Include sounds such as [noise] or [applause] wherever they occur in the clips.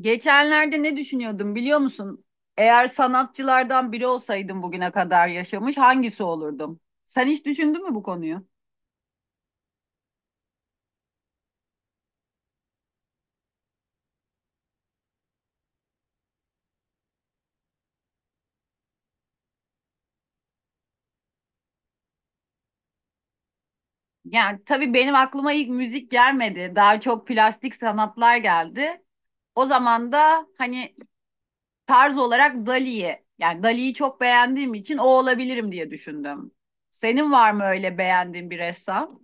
Geçenlerde ne düşünüyordum biliyor musun? Eğer sanatçılardan biri olsaydım bugüne kadar yaşamış hangisi olurdum? Sen hiç düşündün mü bu konuyu? Yani tabii benim aklıma ilk müzik gelmedi. Daha çok plastik sanatlar geldi. O zaman da hani tarz olarak Dali'yi, yani Dali'yi çok beğendiğim için o olabilirim diye düşündüm. Senin var mı öyle beğendiğin bir ressam?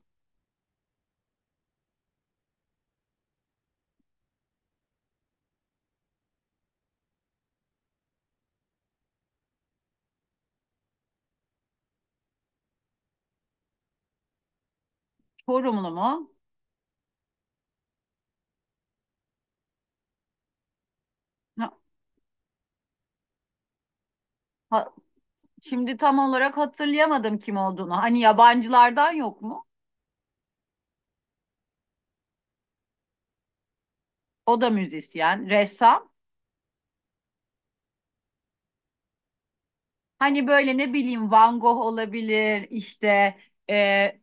Çorumlu mu? Ha- ha- şimdi tam olarak hatırlayamadım kim olduğunu. Hani yabancılardan yok mu? O da müzisyen, ressam. Hani böyle ne bileyim Van Gogh olabilir, işte e,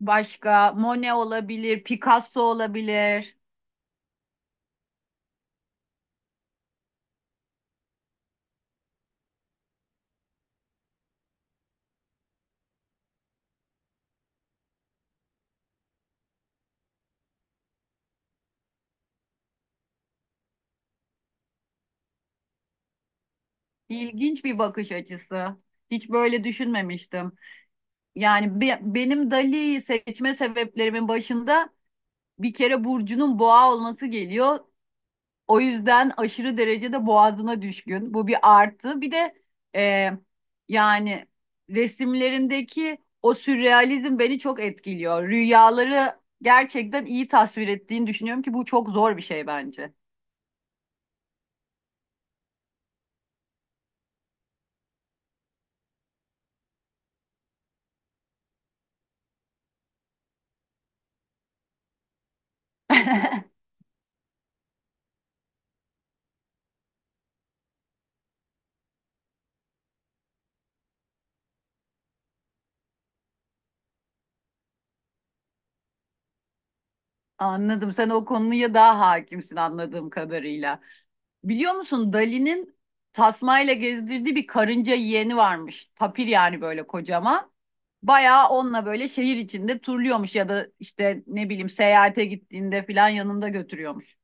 başka Monet olabilir, Picasso olabilir. İlginç bir bakış açısı. Hiç böyle düşünmemiştim. Yani benim Dali'yi seçme sebeplerimin başında bir kere Burcu'nun boğa olması geliyor. O yüzden aşırı derecede boğazına düşkün. Bu bir artı. Bir de e, yani resimlerindeki o sürrealizm beni çok etkiliyor. Rüyaları gerçekten iyi tasvir ettiğini düşünüyorum ki bu çok zor bir şey bence. [laughs] Anladım. Sen o konuya daha hakimsin anladığım kadarıyla. Biliyor musun Dali'nin tasmayla gezdirdiği bir karınca yeğeni varmış. Tapir yani böyle kocaman. Bayağı onunla böyle şehir içinde turluyormuş ya da işte ne bileyim seyahate gittiğinde falan yanında götürüyormuş.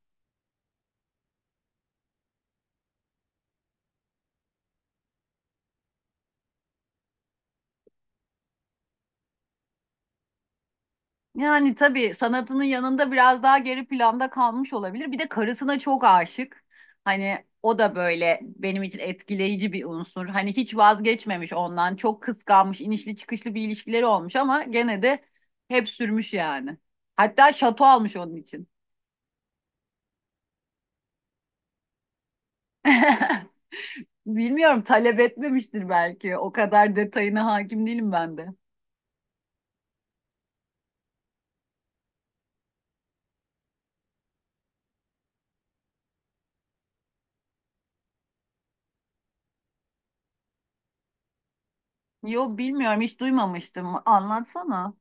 Yani tabii sanatının yanında biraz daha geri planda kalmış olabilir. Bir de karısına çok aşık. Hani o da böyle benim için etkileyici bir unsur. Hani hiç vazgeçmemiş ondan. Çok kıskanmış, inişli çıkışlı bir ilişkileri olmuş ama gene de hep sürmüş yani. Hatta şato almış onun için. [laughs] Bilmiyorum talep etmemiştir belki. O kadar detayına hakim değilim ben de. Yo bilmiyorum hiç duymamıştım. Anlatsana.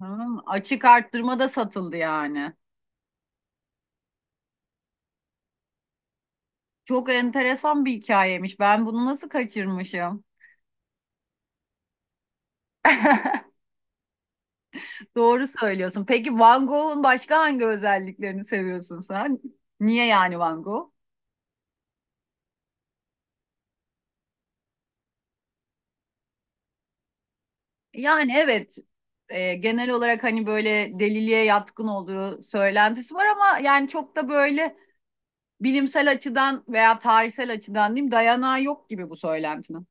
Hmm, açık arttırma da satıldı yani. Çok enteresan bir hikayemiş. Ben bunu nasıl kaçırmışım? [laughs] Doğru söylüyorsun. Peki Van Gogh'un başka hangi özelliklerini seviyorsun sen? Niye yani Van Gogh? Yani evet, genel olarak hani böyle deliliğe yatkın olduğu söylentisi var ama yani çok da böyle bilimsel açıdan veya tarihsel açıdan diyeyim dayanağı yok gibi bu söylentinin.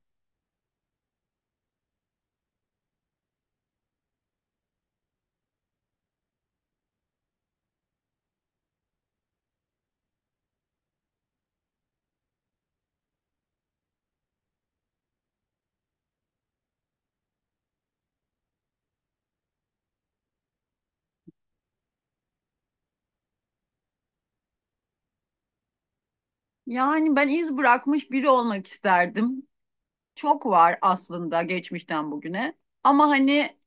Yani ben iz bırakmış biri olmak isterdim. Çok var aslında geçmişten bugüne. Ama hani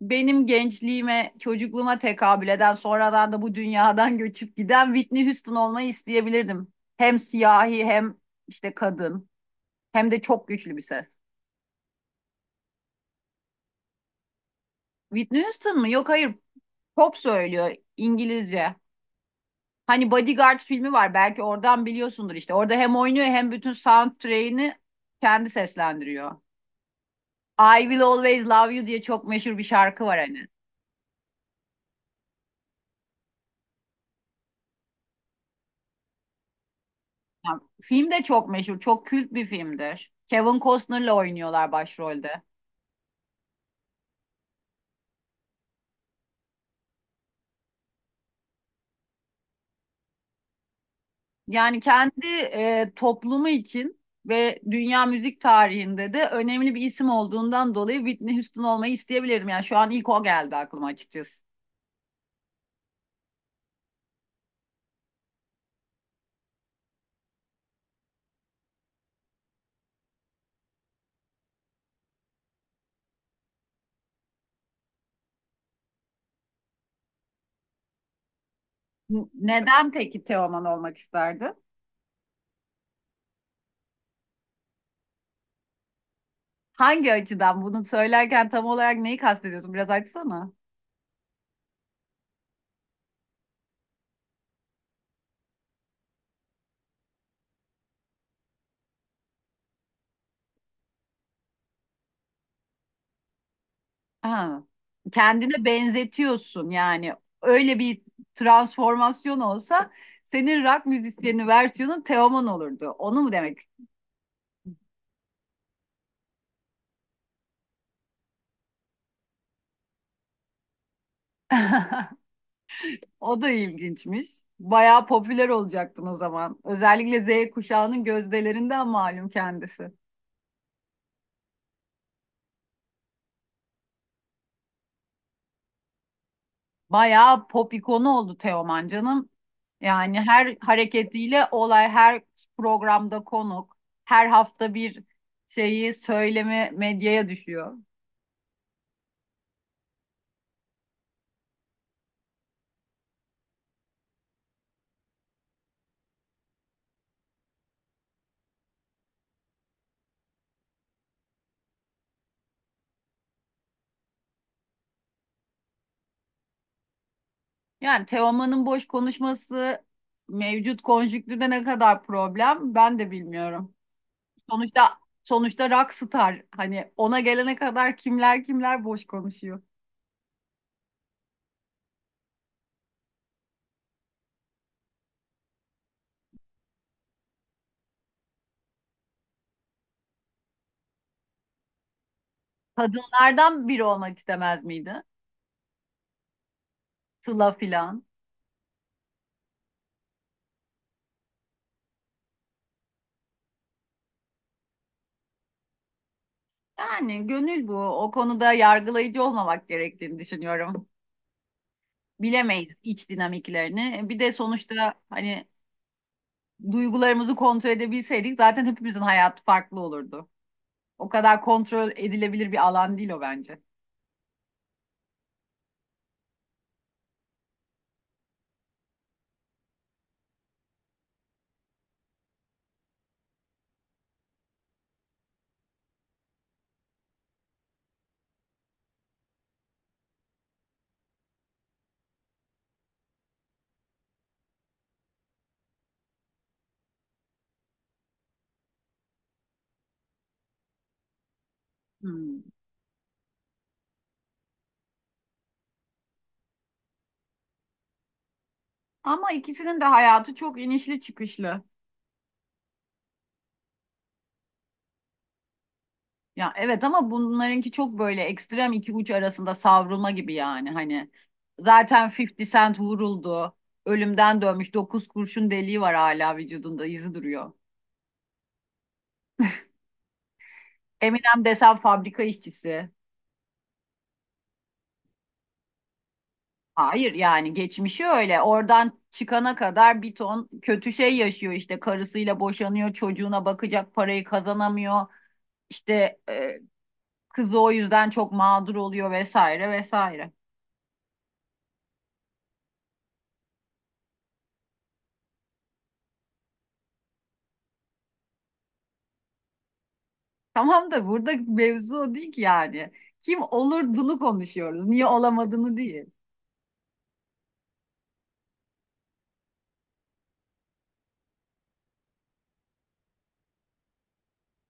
benim gençliğime, çocukluğuma tekabül eden, sonradan da bu dünyadan göçüp giden Whitney Houston olmayı isteyebilirdim. Hem siyahi hem işte kadın hem de çok güçlü bir ses. Whitney Houston mı? Yok, hayır. Pop söylüyor, İngilizce. Hani Bodyguard filmi var, belki oradan biliyorsundur işte. Orada hem oynuyor hem bütün soundtrack'ini kendi seslendiriyor. I Will Always Love You diye çok meşhur bir şarkı var hani. Ya, film de çok meşhur, çok kült bir filmdir. Kevin Costner'la oynuyorlar başrolde. Yani kendi toplumu için ve dünya müzik tarihinde de önemli bir isim olduğundan dolayı Whitney Houston olmayı isteyebilirim. Yani şu an ilk o geldi aklıma açıkçası. Neden peki Teoman olmak isterdi? Hangi açıdan bunu söylerken tam olarak neyi kastediyorsun? Biraz açsana. Ha. Kendine benzetiyorsun yani. Öyle bir transformasyon olsa senin rock müzisyeni versiyonun Teoman olurdu. Onu mu demek? [laughs] O da ilginçmiş. Bayağı popüler olacaktın o zaman. Özellikle Z kuşağının gözdelerinden malum kendisi. Bayağı pop ikonu oldu Teoman canım. Yani her hareketiyle olay, her programda konuk, her hafta bir şeyi söyleme medyaya düşüyor. Yani Teoman'ın boş konuşması mevcut konjüktürde ne kadar problem ben de bilmiyorum. Sonuçta sonuçta rockstar hani ona gelene kadar kimler boş konuşuyor. Kadınlardan biri olmak istemez miydi? Sıla filan. Yani gönül bu. O konuda yargılayıcı olmamak gerektiğini düşünüyorum. Bilemeyiz iç dinamiklerini. Bir de sonuçta hani duygularımızı kontrol edebilseydik zaten hepimizin hayatı farklı olurdu. O kadar kontrol edilebilir bir alan değil o bence. Hmm. Ama ikisinin de hayatı çok inişli çıkışlı. Ya evet, ama bunlarınki çok böyle ekstrem iki uç arasında savrulma gibi yani hani zaten 50 Cent vuruldu. Ölümden dönmüş, 9 kurşun deliği var, hala vücudunda izi duruyor. Eminem desem fabrika işçisi. Hayır, yani geçmişi öyle. Oradan çıkana kadar bir ton kötü şey yaşıyor, işte karısıyla boşanıyor, çocuğuna bakacak parayı kazanamıyor. İşte kızı o yüzden çok mağdur oluyor, vesaire vesaire. Tamam da burada mevzu o değil ki yani. Kim olur bunu konuşuyoruz. Niye olamadığını değil.